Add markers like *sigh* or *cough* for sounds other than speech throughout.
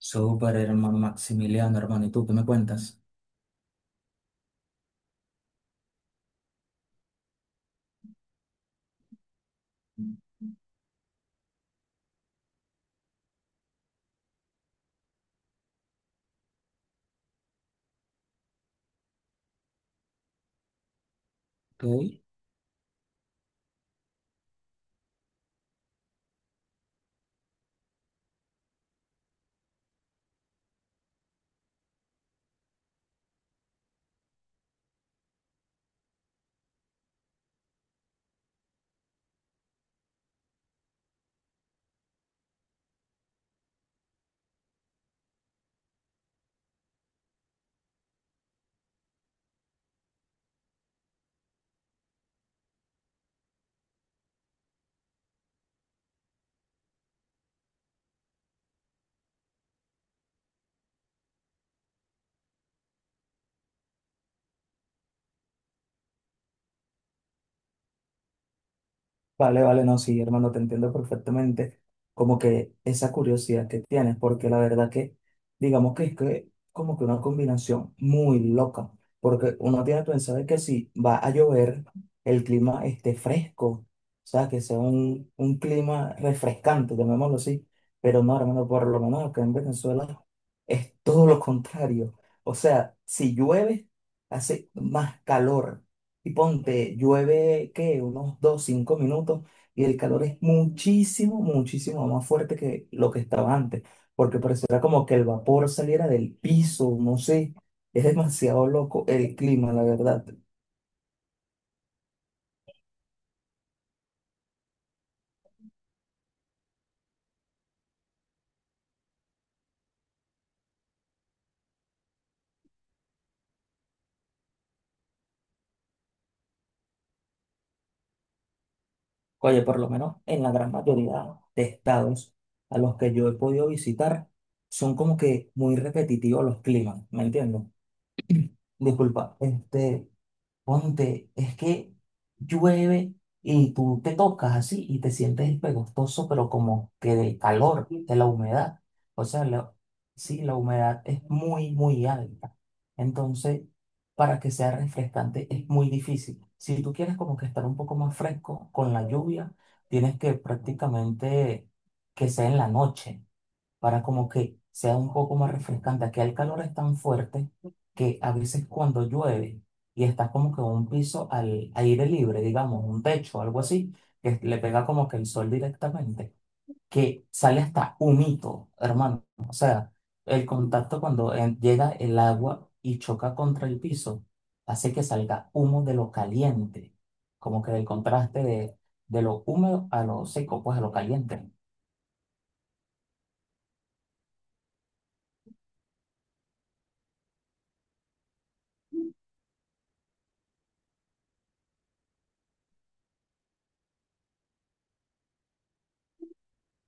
Súper, hermano Maximiliano, hermano, ¿y tú qué me cuentas? Ok. Vale, vale, no, sí, hermano, te entiendo perfectamente. Como que esa curiosidad que tienes, porque la verdad que, digamos que es que como que una combinación muy loca, porque uno tiene pensado que si va a llover, el clima esté fresco, o sea, que sea un clima refrescante, llamémoslo así, pero no, hermano, por lo menos acá en Venezuela es todo lo contrario. O sea, si llueve, hace más calor. Y ponte, llueve, ¿qué? Unos 2 5 minutos y el calor es muchísimo, muchísimo más fuerte que lo que estaba antes, porque pareciera como que el vapor saliera del piso, no sé, es demasiado loco el clima, la verdad. Oye, por lo menos en la gran mayoría de estados a los que yo he podido visitar, son como que muy repetitivos los climas, ¿me entiendes? Disculpa, este, ponte, es que llueve y tú te tocas así y te sientes pegostoso, pero como que de calor, de la humedad. O sea, sí, la humedad es muy, muy alta. Entonces, para que sea refrescante es muy difícil. Si tú quieres como que estar un poco más fresco con la lluvia, tienes que prácticamente que sea en la noche para como que sea un poco más refrescante. Aquí el calor es tan fuerte que a veces cuando llueve y estás como que un piso al aire libre, digamos, un techo, algo así, que le pega como que el sol directamente, que sale hasta humito, hermano. O sea, el contacto cuando llega el agua y choca contra el piso, hace que salga humo de lo caliente, como que del contraste de lo húmedo a lo seco, pues a lo caliente.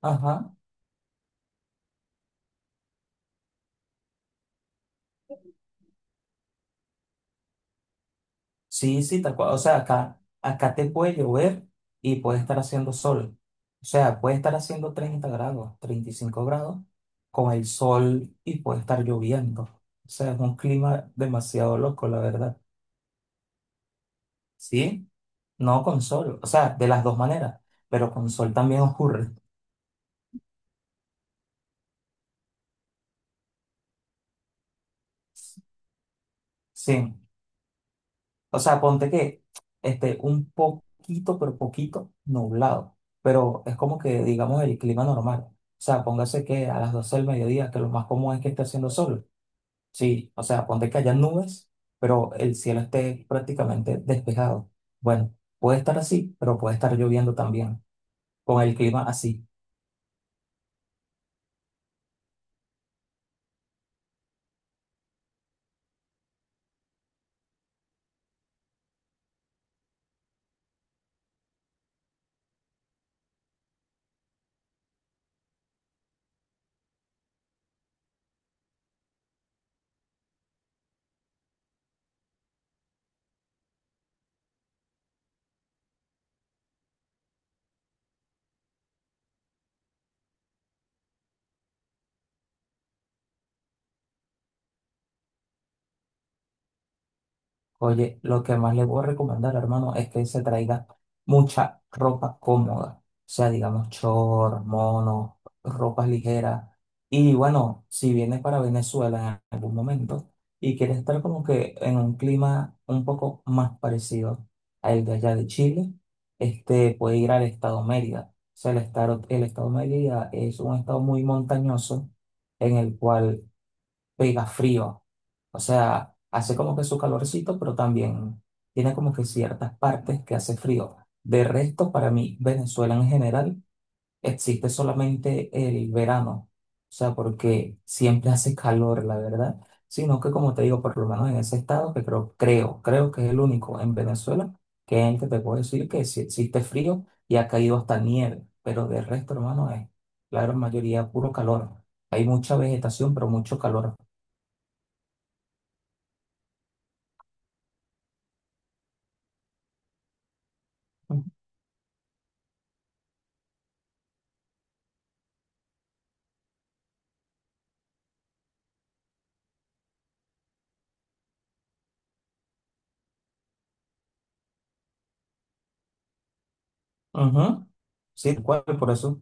Ajá. Sí, sí, tal cual. O sea, acá te puede llover y puede estar haciendo sol. O sea, puede estar haciendo 30 grados, 35 grados con el sol y puede estar lloviendo. O sea, es un clima demasiado loco, la verdad. ¿Sí? No con sol. O sea, de las dos maneras, pero con sol también ocurre. Sí. O sea, ponte que este, un poquito, pero poquito nublado. Pero es como que, digamos, el clima normal. O sea, póngase que a las 12 del mediodía, que lo más común es que esté haciendo sol. Sí, o sea, ponte que haya nubes, pero el cielo esté prácticamente despejado. Bueno, puede estar así, pero puede estar lloviendo también, con el clima así. Oye, lo que más le puedo recomendar, hermano, es que se traiga mucha ropa cómoda. O sea, digamos, short, mono, ropas ligeras. Y bueno, si vienes para Venezuela en algún momento y quieres estar como que en un clima un poco más parecido al de allá de Chile, este puede ir al estado Mérida. O sea, el estado Mérida es un estado muy montañoso en el cual pega frío. O sea, hace como que su calorcito, pero también tiene como que ciertas partes que hace frío. De resto, para mí, Venezuela en general, existe solamente el verano. O sea, porque siempre hace calor, la verdad. Sino que, como te digo, por lo menos en ese estado, que creo, creo, creo que es el único en Venezuela, que es el que te puedo decir que sí existe frío y ha caído hasta nieve. Pero de resto, hermano, es la gran mayoría puro calor. Hay mucha vegetación, pero mucho calor. Ujú, sí, tal cual, por eso,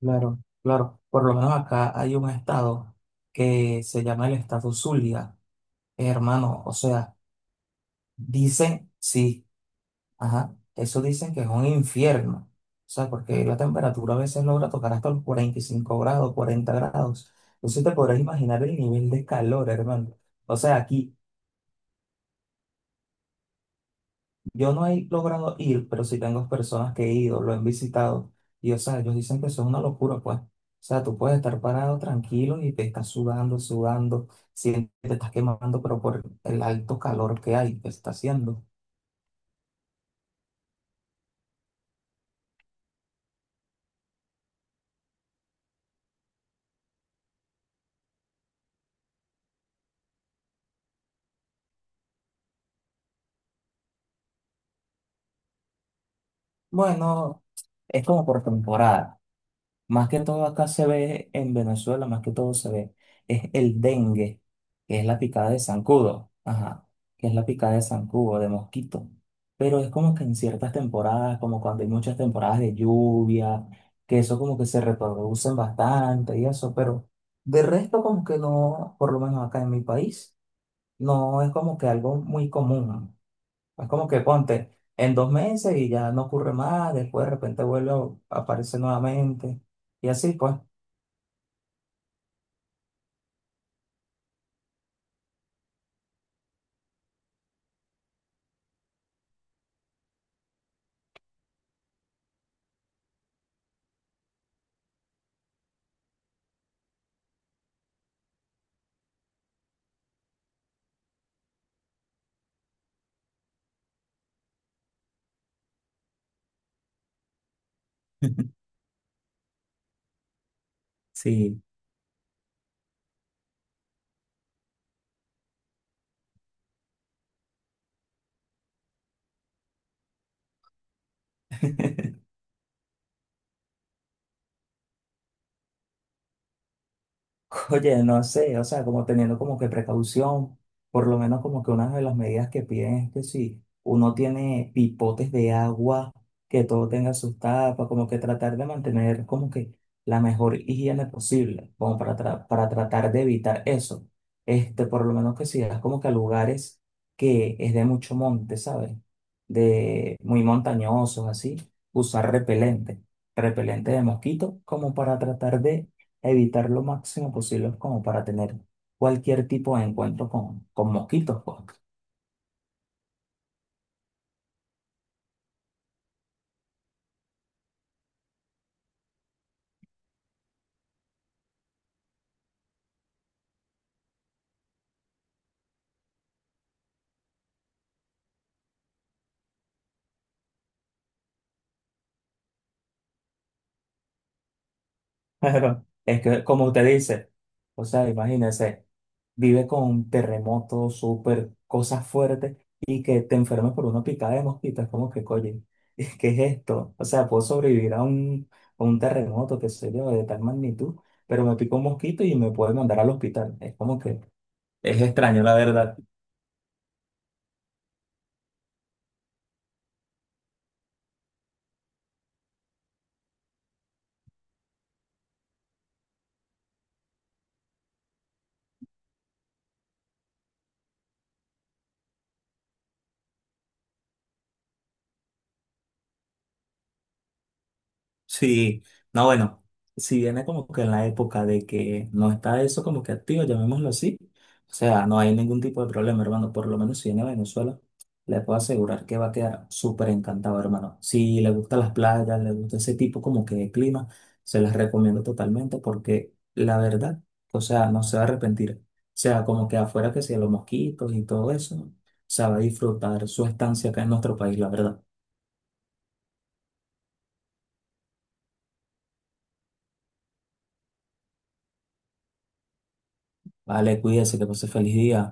claro, claro. Por lo menos acá hay un estado que se llama el estado Zulia, hermano. O sea, dicen, sí, ajá, eso dicen que es un infierno. O sea, porque la temperatura a veces logra tocar hasta los 45 grados, 40 grados. Entonces te podrás imaginar el nivel de calor, hermano. O sea, aquí yo no he logrado ir, pero sí tengo personas que he ido, lo han visitado, y o sea, ellos dicen que eso es una locura, pues. O sea, tú puedes estar parado tranquilo y te estás sudando, sudando, sientes que te estás quemando, pero por el alto calor que hay, que está haciendo. Bueno, es como por temporada. Más que todo acá se ve en Venezuela, más que todo se ve, es el dengue, que es la picada de zancudo, ajá, que es la picada de zancudo, de mosquito. Pero es como que en ciertas temporadas, como cuando hay muchas temporadas de lluvia, que eso como que se reproducen bastante y eso, pero de resto como que no, por lo menos acá en mi país, no es como que algo muy común. Es como que ponte en 2 meses y ya no ocurre más, después de repente vuelve a aparecer nuevamente. Y así, pues. Sí. *laughs* Oye, no sé, o sea, como teniendo como que precaución, por lo menos como que una de las medidas que piden es que si uno tiene pipotes de agua, que todo tenga sus tapas, como que tratar de mantener como que la mejor higiene posible, como para, para tratar de evitar eso. Este, por lo menos que si vas como que a lugares que es de mucho monte, ¿sabes? De muy montañosos, así, usar repelente repelente de mosquito como para tratar de evitar lo máximo posible como para tener cualquier tipo de encuentro con mosquitos, pues. *laughs* Pero es que, como usted dice, o sea, imagínese, vive con terremotos, súper, cosas fuertes y que te enfermes por una picada de mosquitos, es como que, oye, *laughs* ¿qué es esto? O sea, puedo sobrevivir a un terremoto, qué sé yo, de tal magnitud, pero me pico un mosquito y me puede mandar al hospital. Es como que es extraño, la verdad. Sí, no, bueno, si viene como que en la época de que no está eso como que activo, llamémoslo así, o sea, no hay ningún tipo de problema, hermano, por lo menos si viene a Venezuela, le puedo asegurar que va a quedar súper encantado, hermano. Si le gustan las playas, le gusta ese tipo como que de clima, se las recomiendo totalmente porque la verdad, o sea, no se va a arrepentir. O sea, como que afuera que sea los mosquitos y todo eso, o sea, va a disfrutar su estancia acá en nuestro país, la verdad. Vale, cuídese, que pase feliz día.